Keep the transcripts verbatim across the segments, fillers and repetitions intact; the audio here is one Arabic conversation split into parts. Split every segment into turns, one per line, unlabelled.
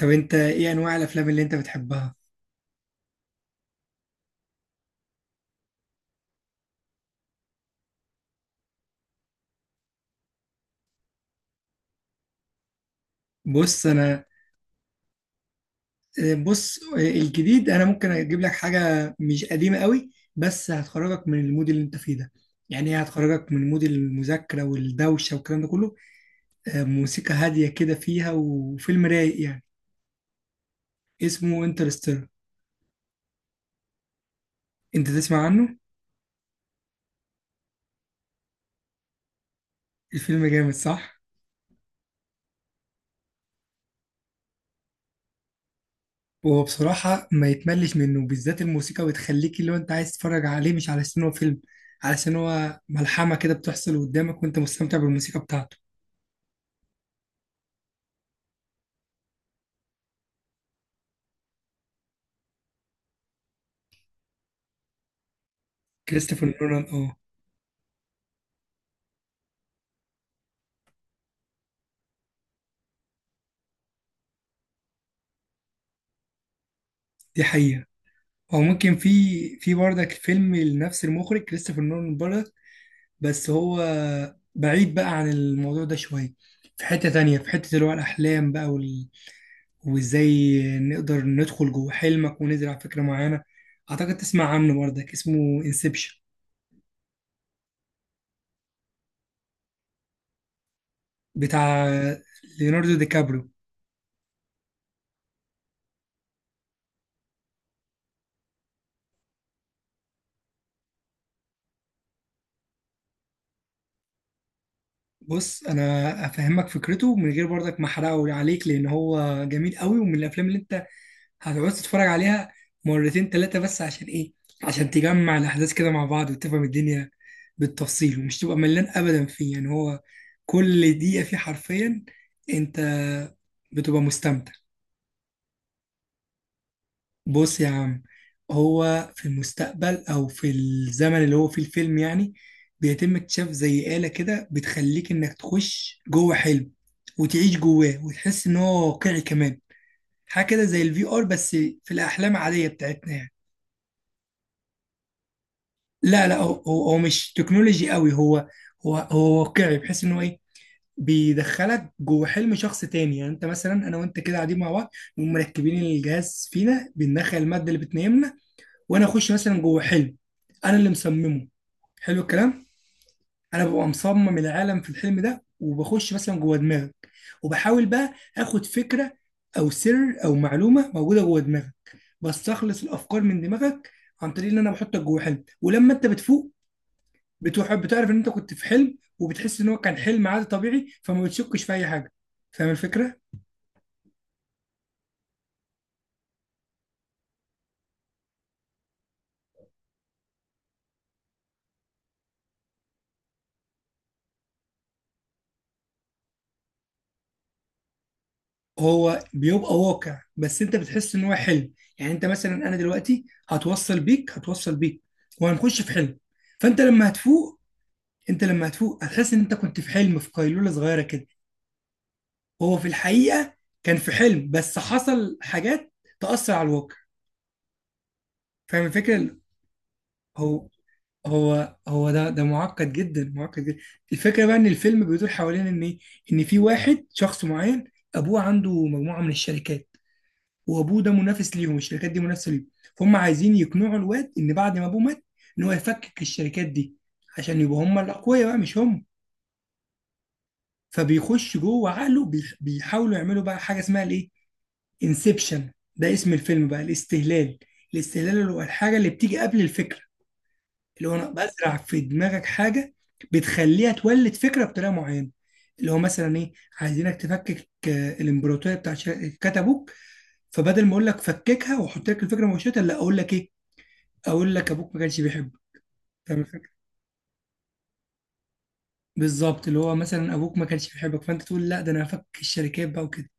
طب انت ايه انواع الافلام اللي انت بتحبها؟ بص انا بص، الجديد انا ممكن اجيب لك حاجه مش قديمه قوي، بس هتخرجك من المود اللي انت فيه ده. يعني هي هتخرجك من مود المذاكره والدوشه والكلام ده كله. آه، موسيقى هاديه كده فيها، وفيلم رايق يعني. اسمه انترستيلر. انت تسمع عنه؟ الفيلم جامد، صح؟ وهو بصراحه ما يتملش منه، بالذات الموسيقى بتخليك اللي هو انت عايز تتفرج عليه، مش علشان هو فيلم، علشان هو ملحمه كده بتحصل قدامك، وانت مستمتع بالموسيقى بتاعته. كريستوفر نولان، اه. دي حقيقة. او ممكن في في برضك فيلم لنفس المخرج كريستوفر نولان برضك، بس هو بعيد بقى عن الموضوع ده شوية. في حتة تانية، في حتة اللي هو الأحلام بقى وال... وإزاي نقدر ندخل جوه حلمك ونزرع فكرة معينة. أعتقد تسمع عنه برضك، اسمه انسبشن، بتاع ليوناردو دي كابريو. بص أنا أفهمك فكرته من غير برضك ما أحرقه عليك، لأن هو جميل قوي، ومن الأفلام اللي أنت هتقعد تتفرج عليها مرتين تلاتة. بس عشان ايه؟ عشان تجمع الأحداث كده مع بعض، وتفهم الدنيا بالتفصيل، ومش تبقى ملان أبدا فيه. يعني هو كل دقيقة فيه حرفيا أنت بتبقى مستمتع. بص يا عم، هو في المستقبل، أو في الزمن اللي هو فيه الفيلم يعني، بيتم اكتشاف زي آلة كده بتخليك إنك تخش جوه حلم، وتعيش جواه، وتحس إن هو واقعي كمان. حاجة كده زي الفي آر، بس في الأحلام العادية بتاعتنا يعني. لا لا، هو هو هو مش تكنولوجي قوي. هو هو هو واقعي، بحيث ان هو ايه، بيدخلك جوه حلم شخص تاني. يعني انت مثلا، انا وانت كده قاعدين مع بعض، نقوم مركبين الجهاز فينا، بندخل الماده اللي بتنيمنا، وانا اخش مثلا جوه حلم انا اللي مصممه. حلو الكلام. انا ببقى مصمم العالم في الحلم ده، وبخش مثلا جوه دماغك، وبحاول بقى اخد فكره، او سر، او معلومه موجوده جوه دماغك. بستخلص الافكار من دماغك عن طريق ان انا بحطك جوه حلم. ولما انت بتفوق، بتحب بتعرف ان انت كنت في حلم، وبتحس ان هو كان حلم عادي طبيعي، فما بتشكش في اي حاجه. فاهم الفكره؟ هو بيبقى واقع، بس انت بتحس ان هو حلم. يعني انت مثلا، انا دلوقتي هتوصل بيك، هتوصل بيك وهنخش في حلم. فانت لما هتفوق انت لما هتفوق هتحس ان انت كنت في حلم، في قيلوله صغيره كده. هو في الحقيقه كان في حلم، بس حصل حاجات تأثر على الواقع. فاهم الفكره؟ هو هو هو ده ده معقد جدا، معقد جدا. الفكره بقى ان الفيلم بيدور حوالين ان إيه؟ ان في واحد، شخص معين، ابوه عنده مجموعه من الشركات، وابوه ده منافس ليهم، الشركات دي منافسه ليهم. فهم عايزين يقنعوا الواد ان بعد ما ابوه مات، ان هو يفكك الشركات دي، عشان يبقوا هم الاقوياء بقى، مش هم. فبيخش جوه عقله، بيح- بيحاولوا يعملوا بقى حاجه اسمها الايه، انسبشن. ده اسم الفيلم بقى، الاستهلال. الاستهلال اللي هو الحاجه اللي بتيجي قبل الفكره. اللي هو انا بزرع في دماغك حاجه بتخليها تولد فكره بطريقه معينه. اللي هو مثلا ايه، عايزينك تفكك آه، الامبراطوريه بتاعت ش- كات ابوك. فبدل ما اقول لك فككها واحط لك الفكره مباشره، لا، اقول لك ايه، اقول لك ابوك ما كانش بيحبك. فاهم الفكره؟ بالظبط. اللي هو مثلا، ابوك ما كانش بيحبك، فانت تقول لا، ده انا هفك الشركات بقى وكده.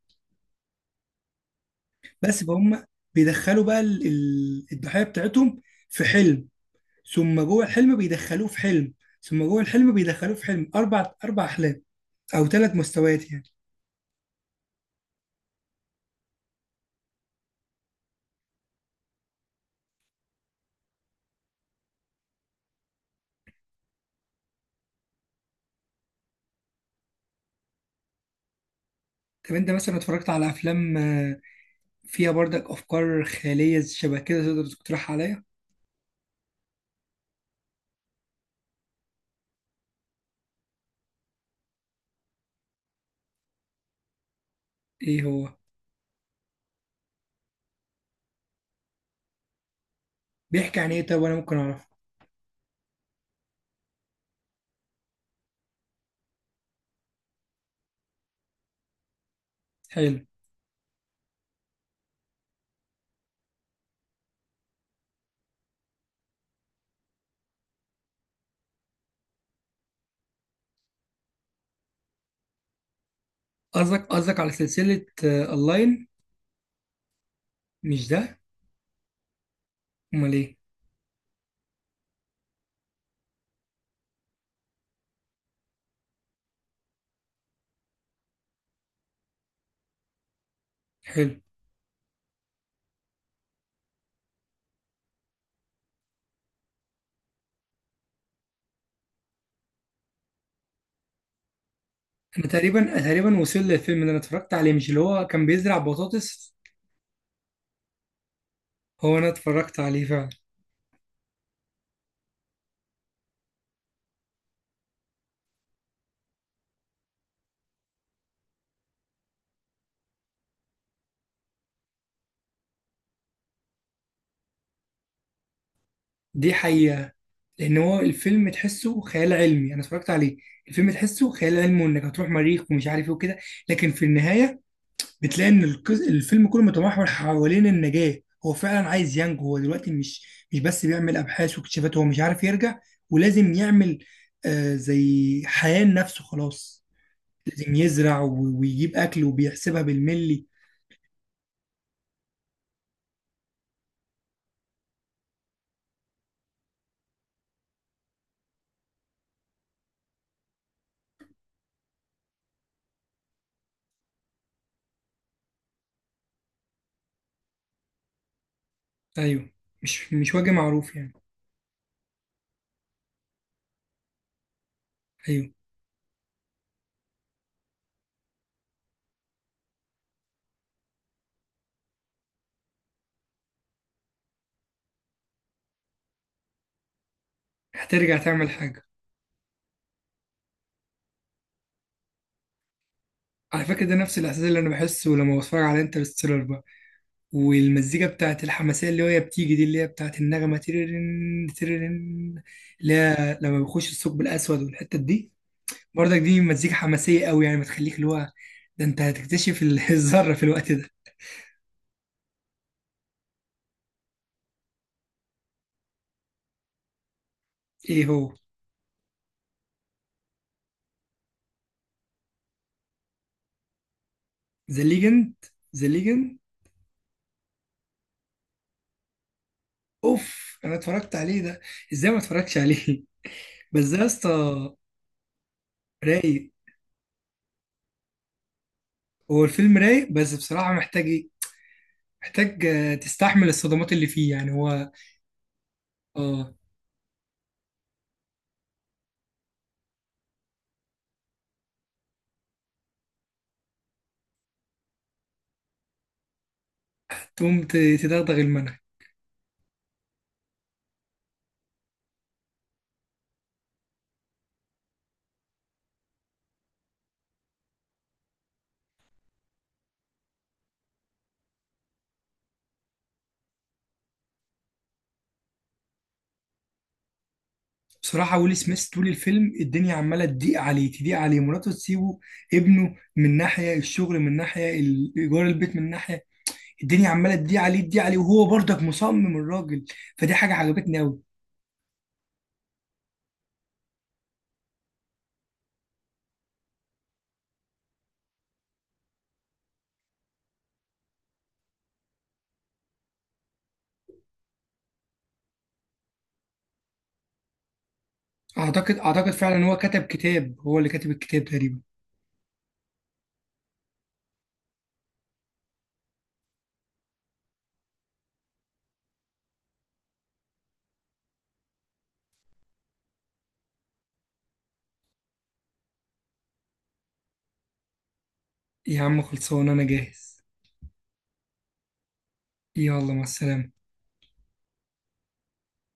بس فهم. بيدخلوا بقى ال- ال- الضحيه بتاعتهم في حلم، ثم جوه الحلم بيدخلوه في حلم، ثم جوه الحلم بيدخلوه في حلم. اربع اربع احلام، او ثلاث مستويات يعني. طب انت مثلا اتفرجت على افلام آه، فيها برضك افكار خياليه شبه كده تقدر تقترح عليا؟ ايه هو؟ بيحكي عن ايه؟ طب وانا ممكن اعرفه؟ حلو. قصدك قصدك على سلسله اونلاين؟ مش ده؟ امال ايه؟ حلو. انا تقريبا تقريبا وصل للفيلم اللي انا اتفرجت عليه. مش اللي هو كان بيزرع بطاطس؟ هو انا اتفرجت عليه فعلا. دي حقيقه. لان هو الفيلم تحسه خيال علمي، انا اتفرجت عليه. الفيلم تحسه خيال علمي، وانك هتروح مريخ ومش عارف ايه وكده، لكن في النهايه بتلاقي ان القص- الفيلم كله متمحور حوالين النجاة. هو فعلا عايز ينجو. هو دلوقتي مش مش بس بيعمل ابحاث واكتشافات، هو مش عارف يرجع، ولازم يعمل آه زي حياة لنفسه خلاص. لازم يزرع و- ويجيب اكل وبيحسبها بالملي. ايوه. مش مش وجه معروف يعني؟ ايوه. هترجع تعمل حاجة. على فكرة، ده نفس الاحساس اللي انا بحسه لما بتفرج على انترستيلر بقى، والمزيكا بتاعت الحماسية اللي هي بتيجي دي، اللي هي بتاعت النغمة تيرين تيرين، اللي هي لما بيخش الثقب الأسود والحتة دي. برضك دي مزيكا حماسية قوي، يعني بتخليك اللي هو، ده أنت هتكتشف ال- الذرة في الوقت ده. إيه هو؟ ذا ليجند. ذا ليجند. أوف، أنا اتفرجت عليه ده. إزاي ما اتفرجتش عليه؟ بس ده يا اسطى، رايق. هو الفيلم رايق، بس بصراحة محتاج إيه؟ محتاج آه، تستحمل الصدمات اللي فيه، يعني هو. اه. تقوم ت- تدغدغ المنهج. بصراحة ويل سميث طول الفيلم الدنيا عمالة تضيق عليه، تضيق عليه، مراته تسيبه، ابنه، من ناحية الشغل، من ناحية ال- إيجار البيت، من ناحية الدنيا عمالة تضيق عليه، تضيق عليه، وهو برضك مصمم الراجل. فدي حاجة عجبتني أوي. أعتقد أعتقد فعلا هو كتب كتاب، هو اللي كاتب الكتاب تقريبا. يا عم خلصان، أنا جاهز. يلا، مع السلامة.